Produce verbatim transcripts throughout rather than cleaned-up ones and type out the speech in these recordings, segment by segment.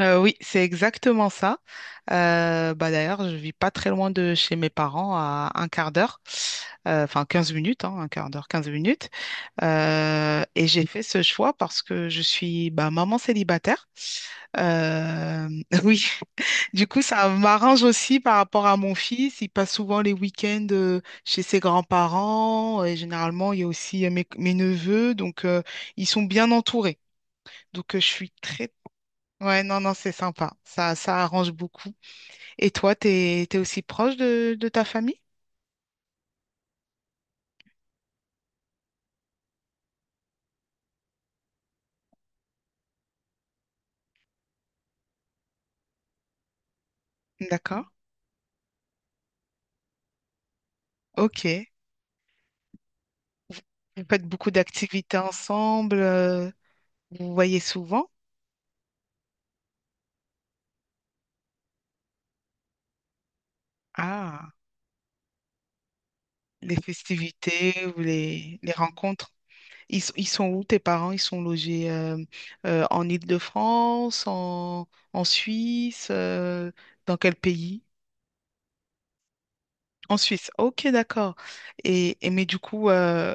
Euh, oui, c'est exactement ça. Euh, bah, d'ailleurs, je vis pas très loin de chez mes parents, à un quart d'heure. Euh, enfin quinze minutes, hein, un quart d'heure, quinze minutes. Euh, et j'ai fait ce choix parce que je suis bah, maman célibataire. Euh, oui, du coup, ça m'arrange aussi par rapport à mon fils. Il passe souvent les week-ends euh, chez ses grands-parents. Et généralement, il y a aussi euh, mes, mes neveux, donc euh, ils sont bien entourés. Donc, euh, je suis très... Ouais, non, non, c'est sympa. Ça, ça arrange beaucoup. Et toi, t'es, t'es aussi proche de, de ta famille? D'accord. Ok. Vous faites beaucoup d'activités ensemble, euh, vous vous voyez souvent? Ah, les festivités ou les, les rencontres. Ils, s- ils sont où, tes parents? Ils sont logés, euh, euh, en Île-de-France, en, en Suisse, euh, dans quel pays? En Suisse. Ok, d'accord. Et, et mais du coup, euh,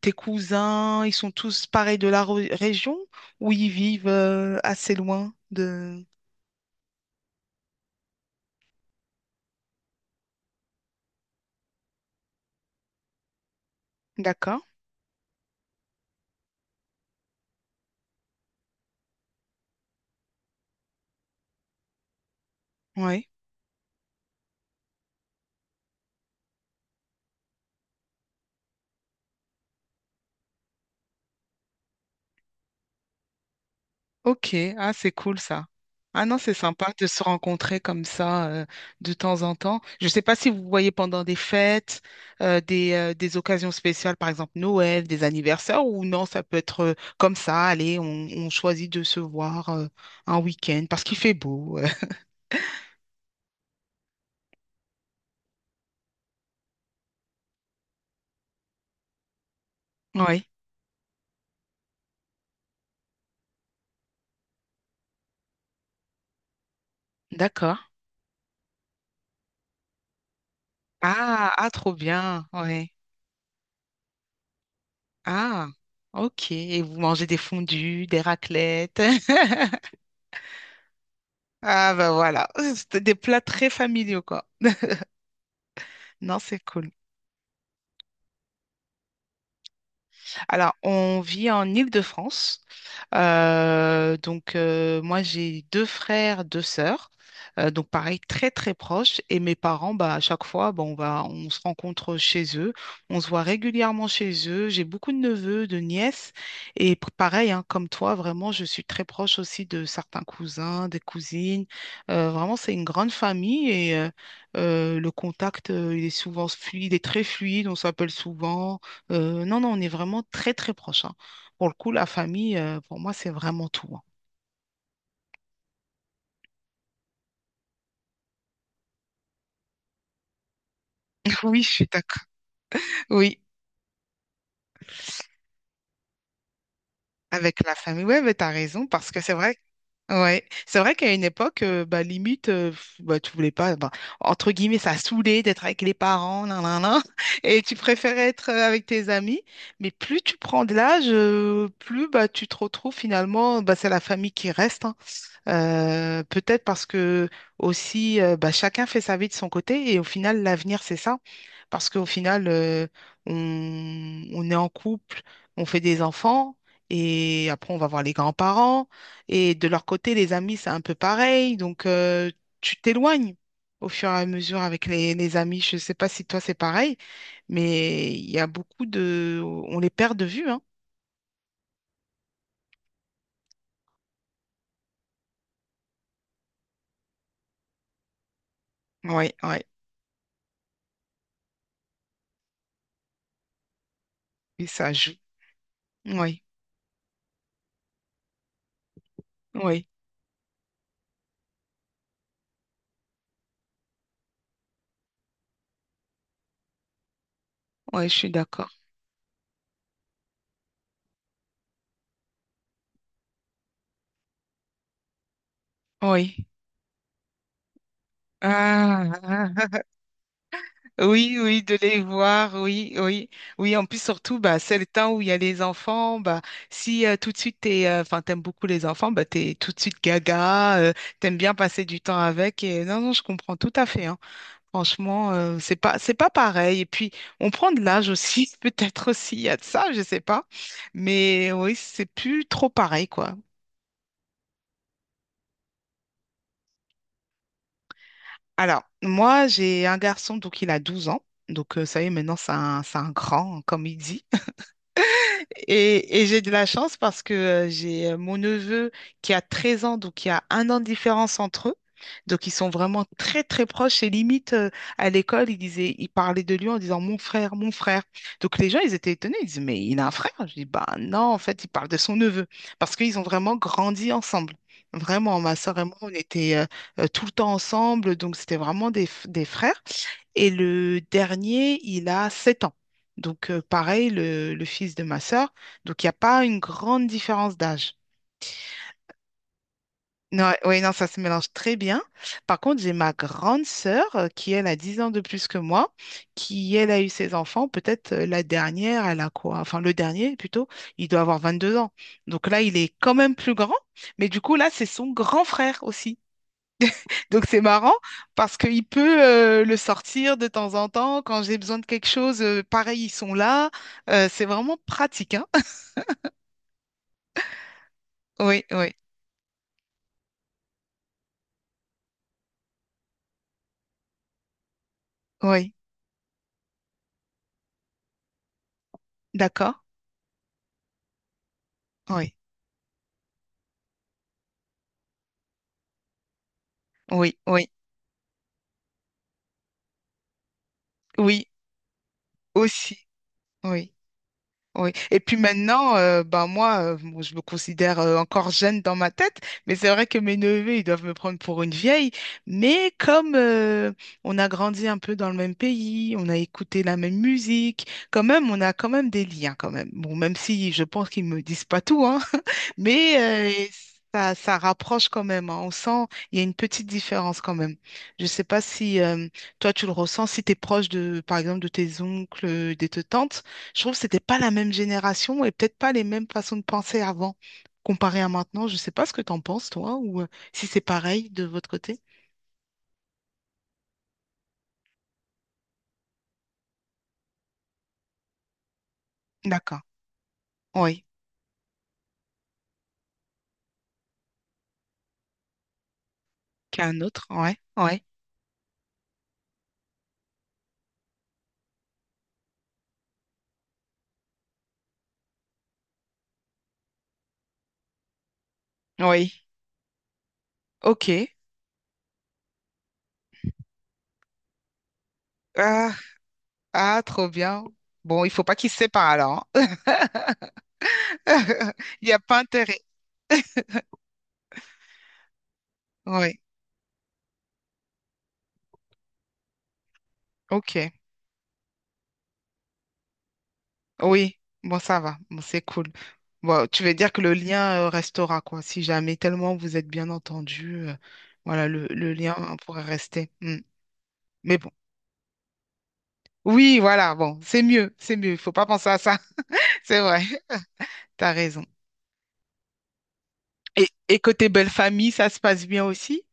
tes cousins, ils sont tous pareils de la re- région ou ils vivent euh, assez loin de... D'accord. Oui. Ok, ah c'est cool ça. Ah non, c'est sympa de se rencontrer comme ça, euh, de temps en temps. Je ne sais pas si vous voyez pendant des fêtes, euh, des, euh, des occasions spéciales, par exemple Noël, des anniversaires, ou non, ça peut être euh, comme ça, allez, on, on choisit de se voir euh, un week-end parce qu'il fait beau. Oui, d'accord. Ah, ah, trop bien, ouais. Ah, ok. Et vous mangez des fondues, des raclettes. Ah, ben voilà. C'était des plats très familiaux, quoi. Non, c'est cool. Alors, on vit en Île-de-France. Euh, donc, euh, moi, j'ai deux frères, deux sœurs. Euh, donc, pareil, très, très proches. Et mes parents, bah, à chaque fois, bon, bah, on va, on se rencontre chez eux. On se voit régulièrement chez eux. J'ai beaucoup de neveux, de nièces. Et p- pareil, hein, comme toi, vraiment, je suis très proche aussi de certains cousins, des cousines. Euh, vraiment, c'est une grande famille et euh, euh, le contact, euh, il est souvent fluide, il est très fluide. On s'appelle souvent. Euh, non, non, on est vraiment très, très proches, hein. Pour le coup, la famille, euh, pour moi, c'est vraiment tout, hein. Oui, je suis d'accord. Oui, avec la famille. Ouais, mais t'as raison, parce que c'est vrai. Ouais, c'est vrai qu'à une époque, euh, bah, limite, euh, pff, bah, tu voulais pas, bah, entre guillemets, ça saoulait d'être avec les parents, nan, nan, nan, et tu préférais être euh, avec tes amis. Mais plus tu prends de l'âge, euh, plus bah, tu te retrouves finalement, bah, c'est la famille qui reste, hein. Euh, peut-être parce que aussi, euh, bah, chacun fait sa vie de son côté et au final, l'avenir, c'est ça. Parce qu'au final, euh, on, on est en couple, on fait des enfants et après, on va voir les grands-parents. Et de leur côté, les amis, c'est un peu pareil. Donc, euh, tu t'éloignes au fur et à mesure avec les, les amis. Je ne sais pas si toi, c'est pareil, mais il y a beaucoup de... On les perd de vue, hein. Oui, oui. Et ça joue. Oui, oui, oui, je suis d'accord. Oui. Ah, ah, ah. Oui, oui, de les voir, oui, oui, oui. En plus, surtout, bah, c'est le temps où il y a les enfants. Bah, si euh, tout de suite t'es, euh, enfin, t'aimes beaucoup les enfants, bah, t'es tout de suite gaga, euh, t'aimes bien passer du temps avec. Et non, non, je comprends tout à fait, hein. Franchement, euh, c'est pas, c'est pas pareil. Et puis, on prend de l'âge aussi, peut-être aussi. Il y a de ça, je sais pas. Mais oui, c'est plus trop pareil, quoi. Alors, moi, j'ai un garçon, donc il a douze ans. Donc, euh, ça y est, maintenant, c'est un, c'est un grand, hein, comme il dit. Et, et j'ai de la chance parce que euh, j'ai euh, mon neveu qui a treize ans, donc il y a un an de différence entre eux. Donc ils sont vraiment très très proches et limite, euh, à l'école, ils disaient, ils parlaient de lui en disant mon frère, mon frère. Donc les gens, ils étaient étonnés, ils disaient, mais il a un frère? Je dis, bah non, en fait, il parle de son neveu parce qu'ils ont vraiment grandi ensemble. Vraiment, ma soeur et moi, on était euh, euh, tout le temps ensemble, donc c'était vraiment des, f- des frères. Et le dernier, il a sept ans. Donc, euh, pareil, le, le fils de ma sœur. Donc, il n'y a pas une grande différence d'âge. Non, oui, non, ça se mélange très bien. Par contre, j'ai ma grande sœur, euh, qui, elle, a dix ans de plus que moi, qui, elle, a eu ses enfants. Peut-être euh, la dernière, elle a quoi? Enfin, le dernier, plutôt, il doit avoir vingt-deux ans. Donc là, il est quand même plus grand. Mais du coup, là, c'est son grand frère aussi. Donc c'est marrant parce qu'il peut euh, le sortir de temps en temps. Quand j'ai besoin de quelque chose, euh, pareil, ils sont là. Euh, c'est vraiment pratique, hein? Oui, oui, oui. D'accord. Oui, oui, oui, oui, aussi. Oui. Oui. Et puis maintenant, euh, ben moi, euh, bon, je me considère euh, encore jeune dans ma tête, mais c'est vrai que mes neveux, ils doivent me prendre pour une vieille. Mais comme euh, on a grandi un peu dans le même pays, on a écouté la même musique, quand même, on a quand même des liens, quand même. Bon, même si je pense qu'ils me disent pas tout, hein, mais euh, ça, ça rapproche quand même, hein. On sent, il y a une petite différence quand même. Je sais pas si euh, toi, tu le ressens, si tu es proche de, par exemple, de tes oncles, de tes tantes. Je trouve que c'était pas la même génération et peut-être pas les mêmes façons de penser avant, comparé à maintenant. Je sais pas ce que t'en penses, toi, ou euh, si c'est pareil de votre côté. D'accord. Oui. Qu'un autre. Ouais. Ouais. Oui. OK. Ah, ah, trop bien. Bon, il faut pas qu'ils se séparent alors, hein. Il n'y a pas intérêt. Oui. OK. Oui. Bon, ça va. Bon, c'est cool. Bon, tu veux dire que le lien, euh, restera, quoi. Si jamais tellement vous êtes bien entendu, euh, voilà, le, le lien euh, pourrait rester. Mm. Mais bon. Oui, voilà, bon, c'est mieux, c'est mieux, il faut pas penser à ça. C'est vrai, t'as raison. Et, et côté belle famille, ça se passe bien aussi?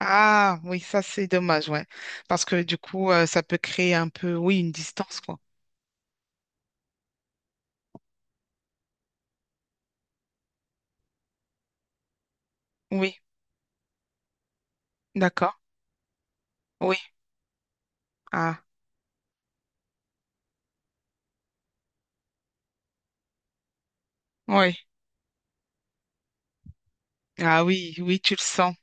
Ah, oui, ça c'est dommage, ouais. Parce que du coup, euh, ça peut créer un peu, oui, une distance, quoi. Oui, d'accord. Oui, ah, oui. Ah oui, oui, tu le sens.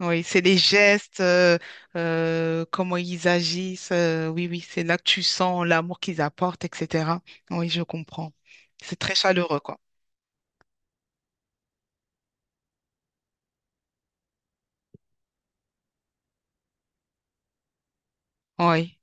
Oui, c'est les gestes, euh, euh, comment ils agissent, euh, oui, oui, c'est là que tu sens l'amour qu'ils apportent, et cetera. Oui, je comprends. C'est très chaleureux, quoi. Oui.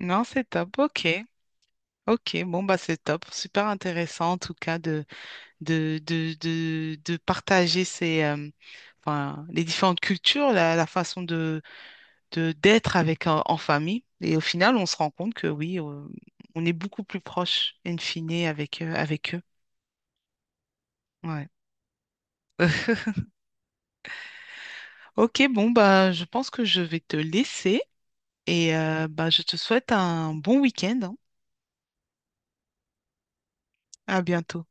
Non, c'est top. OK. Ok, bon bah c'est top, super intéressant en tout cas de de de de, de partager ces euh, enfin les différentes cultures, la, la façon de de d'être avec en, en famille et au final on se rend compte que oui, euh, on est beaucoup plus proche in fine avec euh, avec eux. Ouais. Ok, bon bah je pense que je vais te laisser et euh, bah je te souhaite un bon week-end, hein. À bientôt.